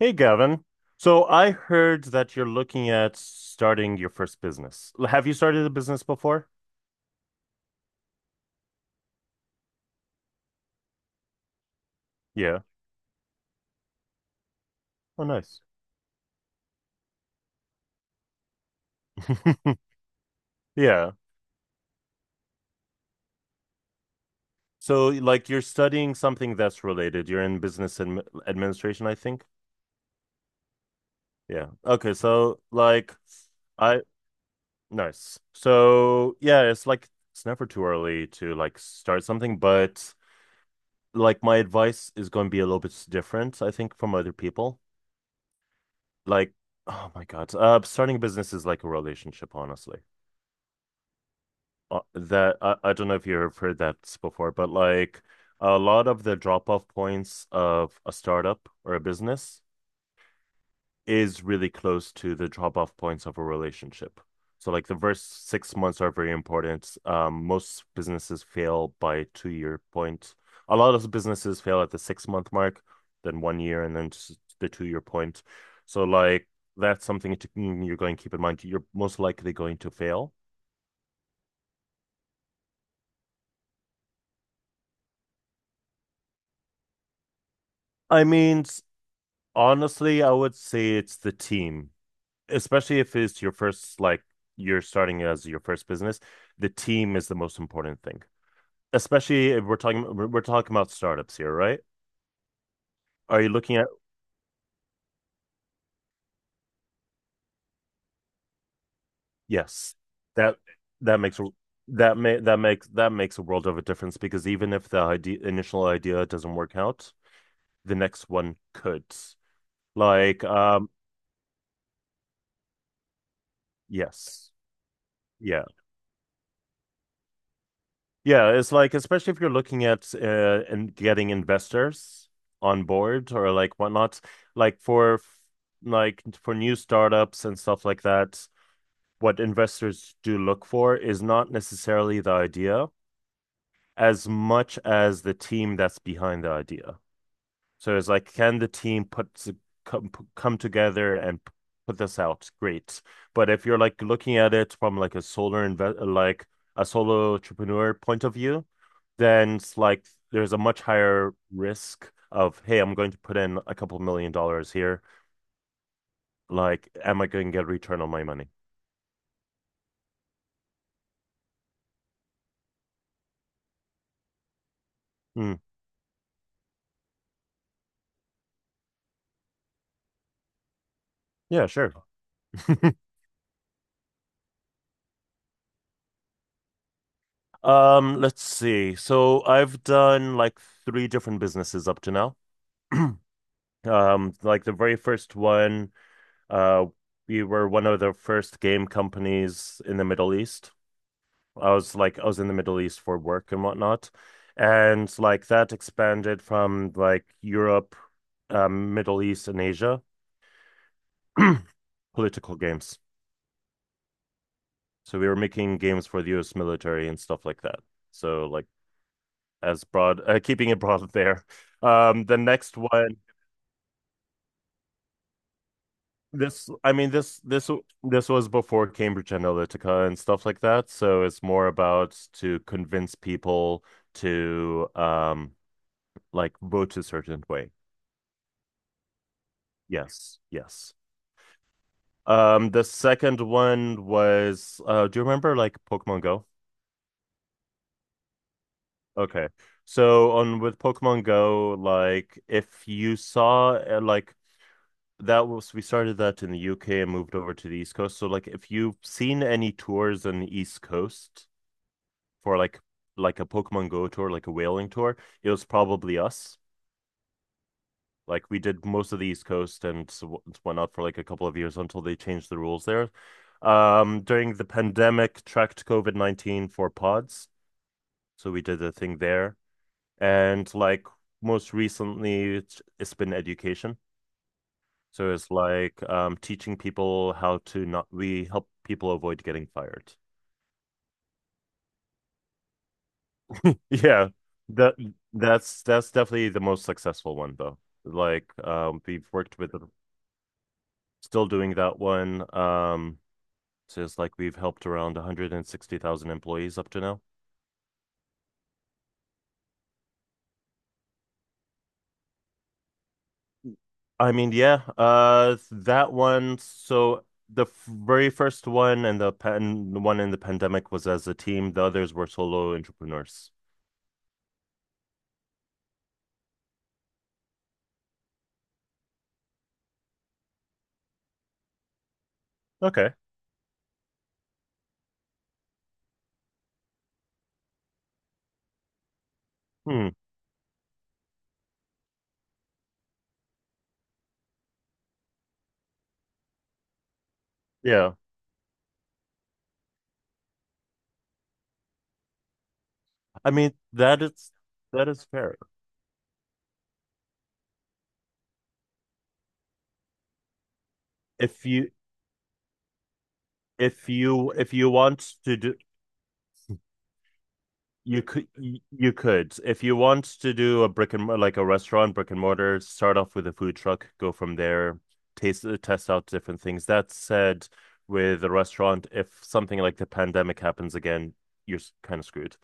Hey, Gavin. So I heard that you're looking at starting your first business. L- Have you started a business before? Yeah. Oh, nice. Yeah. So, you're studying something that's related. You're in business administration, I think. Yeah. Okay. I, nice. So, yeah, it's never too early to, start something, but, my advice is going to be a little bit different, I think, from other people. like oh my god, starting a business is like a relationship, honestly. That I don't know if you've heard that before, but like a lot of the drop off points of a startup or a business is really close to the drop off points of a relationship. So like the first 6 months are very important. Most businesses fail by 2 year point. A lot of businesses fail at the 6 month mark, then one year, and then just the 2 year point. So like that's something to, you're going to keep in mind. You're most likely going to fail. I mean, honestly, I would say it's the team, especially if it's your first like you're starting as your first business. The team is the most important thing, especially if we're talking about startups here, right? Are you looking at yes, that that makes that makes a world of a difference, because even if the idea, initial idea doesn't work out, the next one could. Like, um, yes, yeah, yeah. It's like, especially if you're looking at and getting investors on board or like whatnot, like for like for new startups and stuff like that, what investors do look for is not necessarily the idea as much as the team that's behind the idea. So it's like, can the team put come together and put this out? Great. But if you're like looking at it from like a solar invest like a solo entrepreneur point of view, then it's like there's a much higher risk of, hey, I'm going to put in a couple $1 million here. Like, am I going to get a return on my money? Mm, yeah, sure. Let's see. So I've done like three different businesses up to now. Like the very first one, uh, we were one of the first game companies in the Middle East. I was in the Middle East for work and whatnot. And like that expanded from like Europe, Middle East, and Asia. Political games. So we were making games for the US military and stuff like that. So like as broad, keeping it broad there. The next one. This, I mean, this was before Cambridge Analytica and stuff like that. So it's more about to convince people to, like vote a certain way. Yes, yes. The second one was, do you remember like Pokemon Go? Okay. So on with Pokemon Go, like if you saw like that was we started that in the UK and moved over to the East Coast. So like if you've seen any tours on the East Coast for like a Pokemon Go tour, like a whaling tour, it was probably us. Like we did most of the East Coast and whatnot for like a couple of years until they changed the rules there. During the pandemic, tracked COVID-19 for pods, so we did a thing there. And like most recently, it's been education. So it's like teaching people how to not, we help people avoid getting fired. Yeah, that that's definitely the most successful one though. Like we've worked with Still doing that one. Just like we've helped around 160,000 employees up to now. I mean, yeah, that one, so very first one and the one in the pandemic was as a team. The others were solo entrepreneurs. Okay. Hmm. Yeah. I mean, that is fair. If you if you if you want to do You could you could If you want to do a restaurant brick and mortar, start off with a food truck, go from there, taste test out different things. That said, with a restaurant, if something like the pandemic happens again, you're kind of screwed.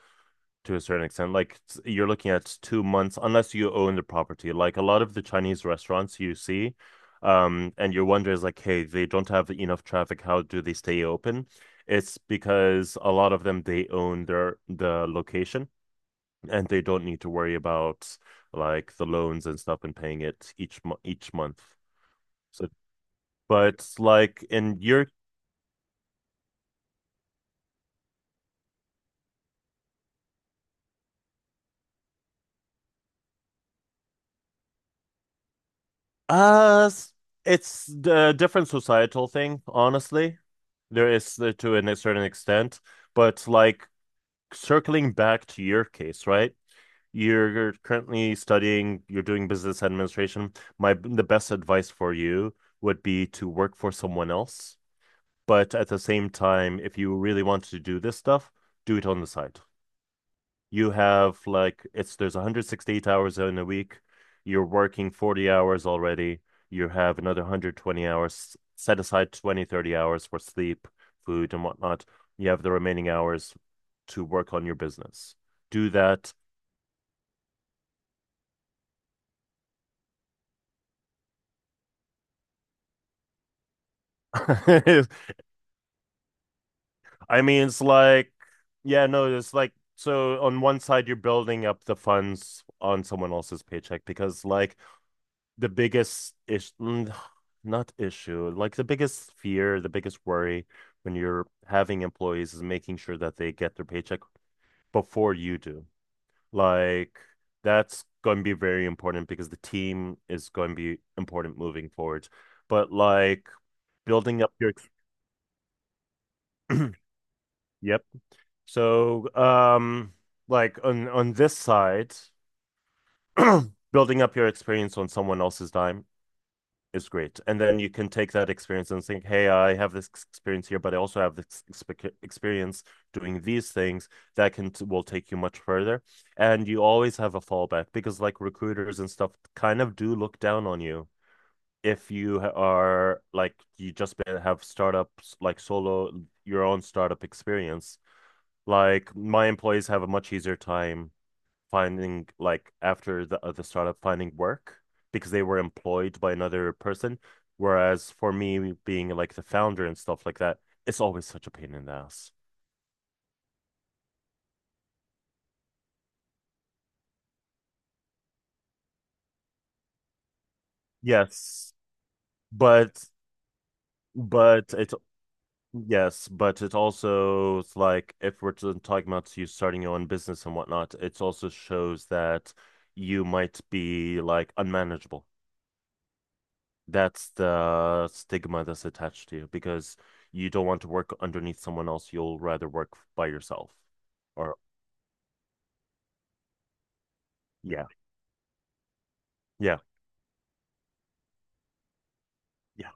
To a certain extent, like you're looking at 2 months, unless you own the property. Like a lot of the Chinese restaurants you see, and your wonder is like, hey, they don't have enough traffic, how do they stay open? It's because a lot of them, they own the location, and they don't need to worry about like the loans and stuff and paying it each mo each month. So, but like in your uh, it's a different societal thing, honestly. There is to a certain extent, but like circling back to your case, right? You're currently studying, you're doing business administration. My The best advice for you would be to work for someone else. But at the same time, if you really want to do this stuff, do it on the side. You have like it's There's 168 hours in a week. You're working 40 hours already. You have another 120 hours. Set aside 20-30 hours for sleep, food, and whatnot. You have the remaining hours to work on your business. Do that. I mean, it's like, yeah, no, it's like, so on one side, you're building up the funds on someone else's paycheck because, like, the biggest ish mm, not issue, like the biggest fear, the biggest worry when you're having employees is making sure that they get their paycheck before you do. Like that's going to be very important because the team is going to be important moving forward. But like building up your ex- yep. So like on this side building up your experience on someone else's dime is great. And then you can take that experience and think, hey, I have this experience here, but I also have this experience doing these things that can will take you much further. And you always have a fallback because like recruiters and stuff kind of do look down on you if you are like you just have startups like solo your own startup experience. Like my employees have a much easier time finding like after the startup finding work because they were employed by another person. Whereas for me, being like the founder and stuff like that, it's always such a pain in the ass. Yes, but but it yes, but it also it's like if we're talking about you starting your own business and whatnot, it also shows that you might be like unmanageable. That's the stigma that's attached to you because you don't want to work underneath someone else. You'll rather work by yourself. Or yeah, yeah, yeah.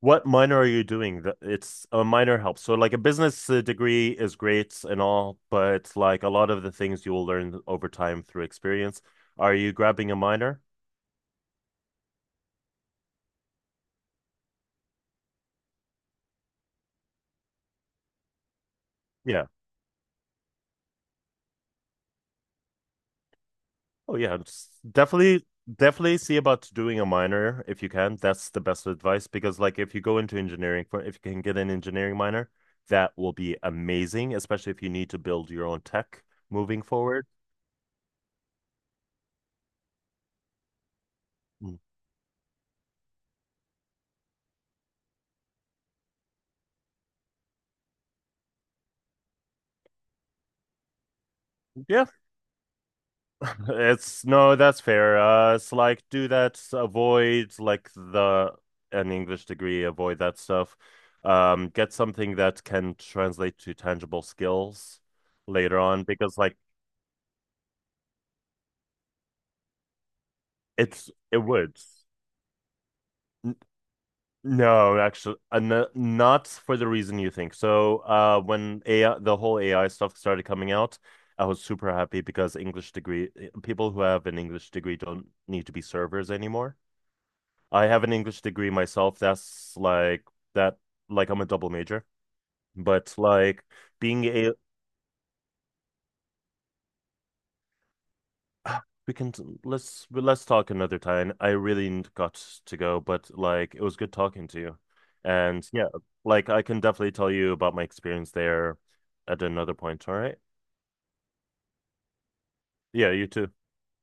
What minor are you doing? The- It's A minor helps. So like a business degree is great and all, but like a lot of the things you will learn over time through experience. Are you grabbing a minor? Yeah. Oh yeah, it's definitely definitely see about doing a minor if you can. That's the best advice because like if you go into engineering for if you can get an engineering minor, that will be amazing, especially if you need to build your own tech moving forward. Mhm. Yeah, it's no, that's fair. It's like do that, avoid like the an English degree, avoid that stuff. Get something that can translate to tangible skills later on because it would. No, actually, not for the reason you think. So, when AI, the whole AI stuff started coming out, I was super happy because people who have an English degree don't need to be servers anymore. I have an English degree myself. That, like I'm a double major, but like being we can let's talk another time. I really got to go, but like it was good talking to you. And yeah, like I can definitely tell you about my experience there at another point, all right? Yeah, you too.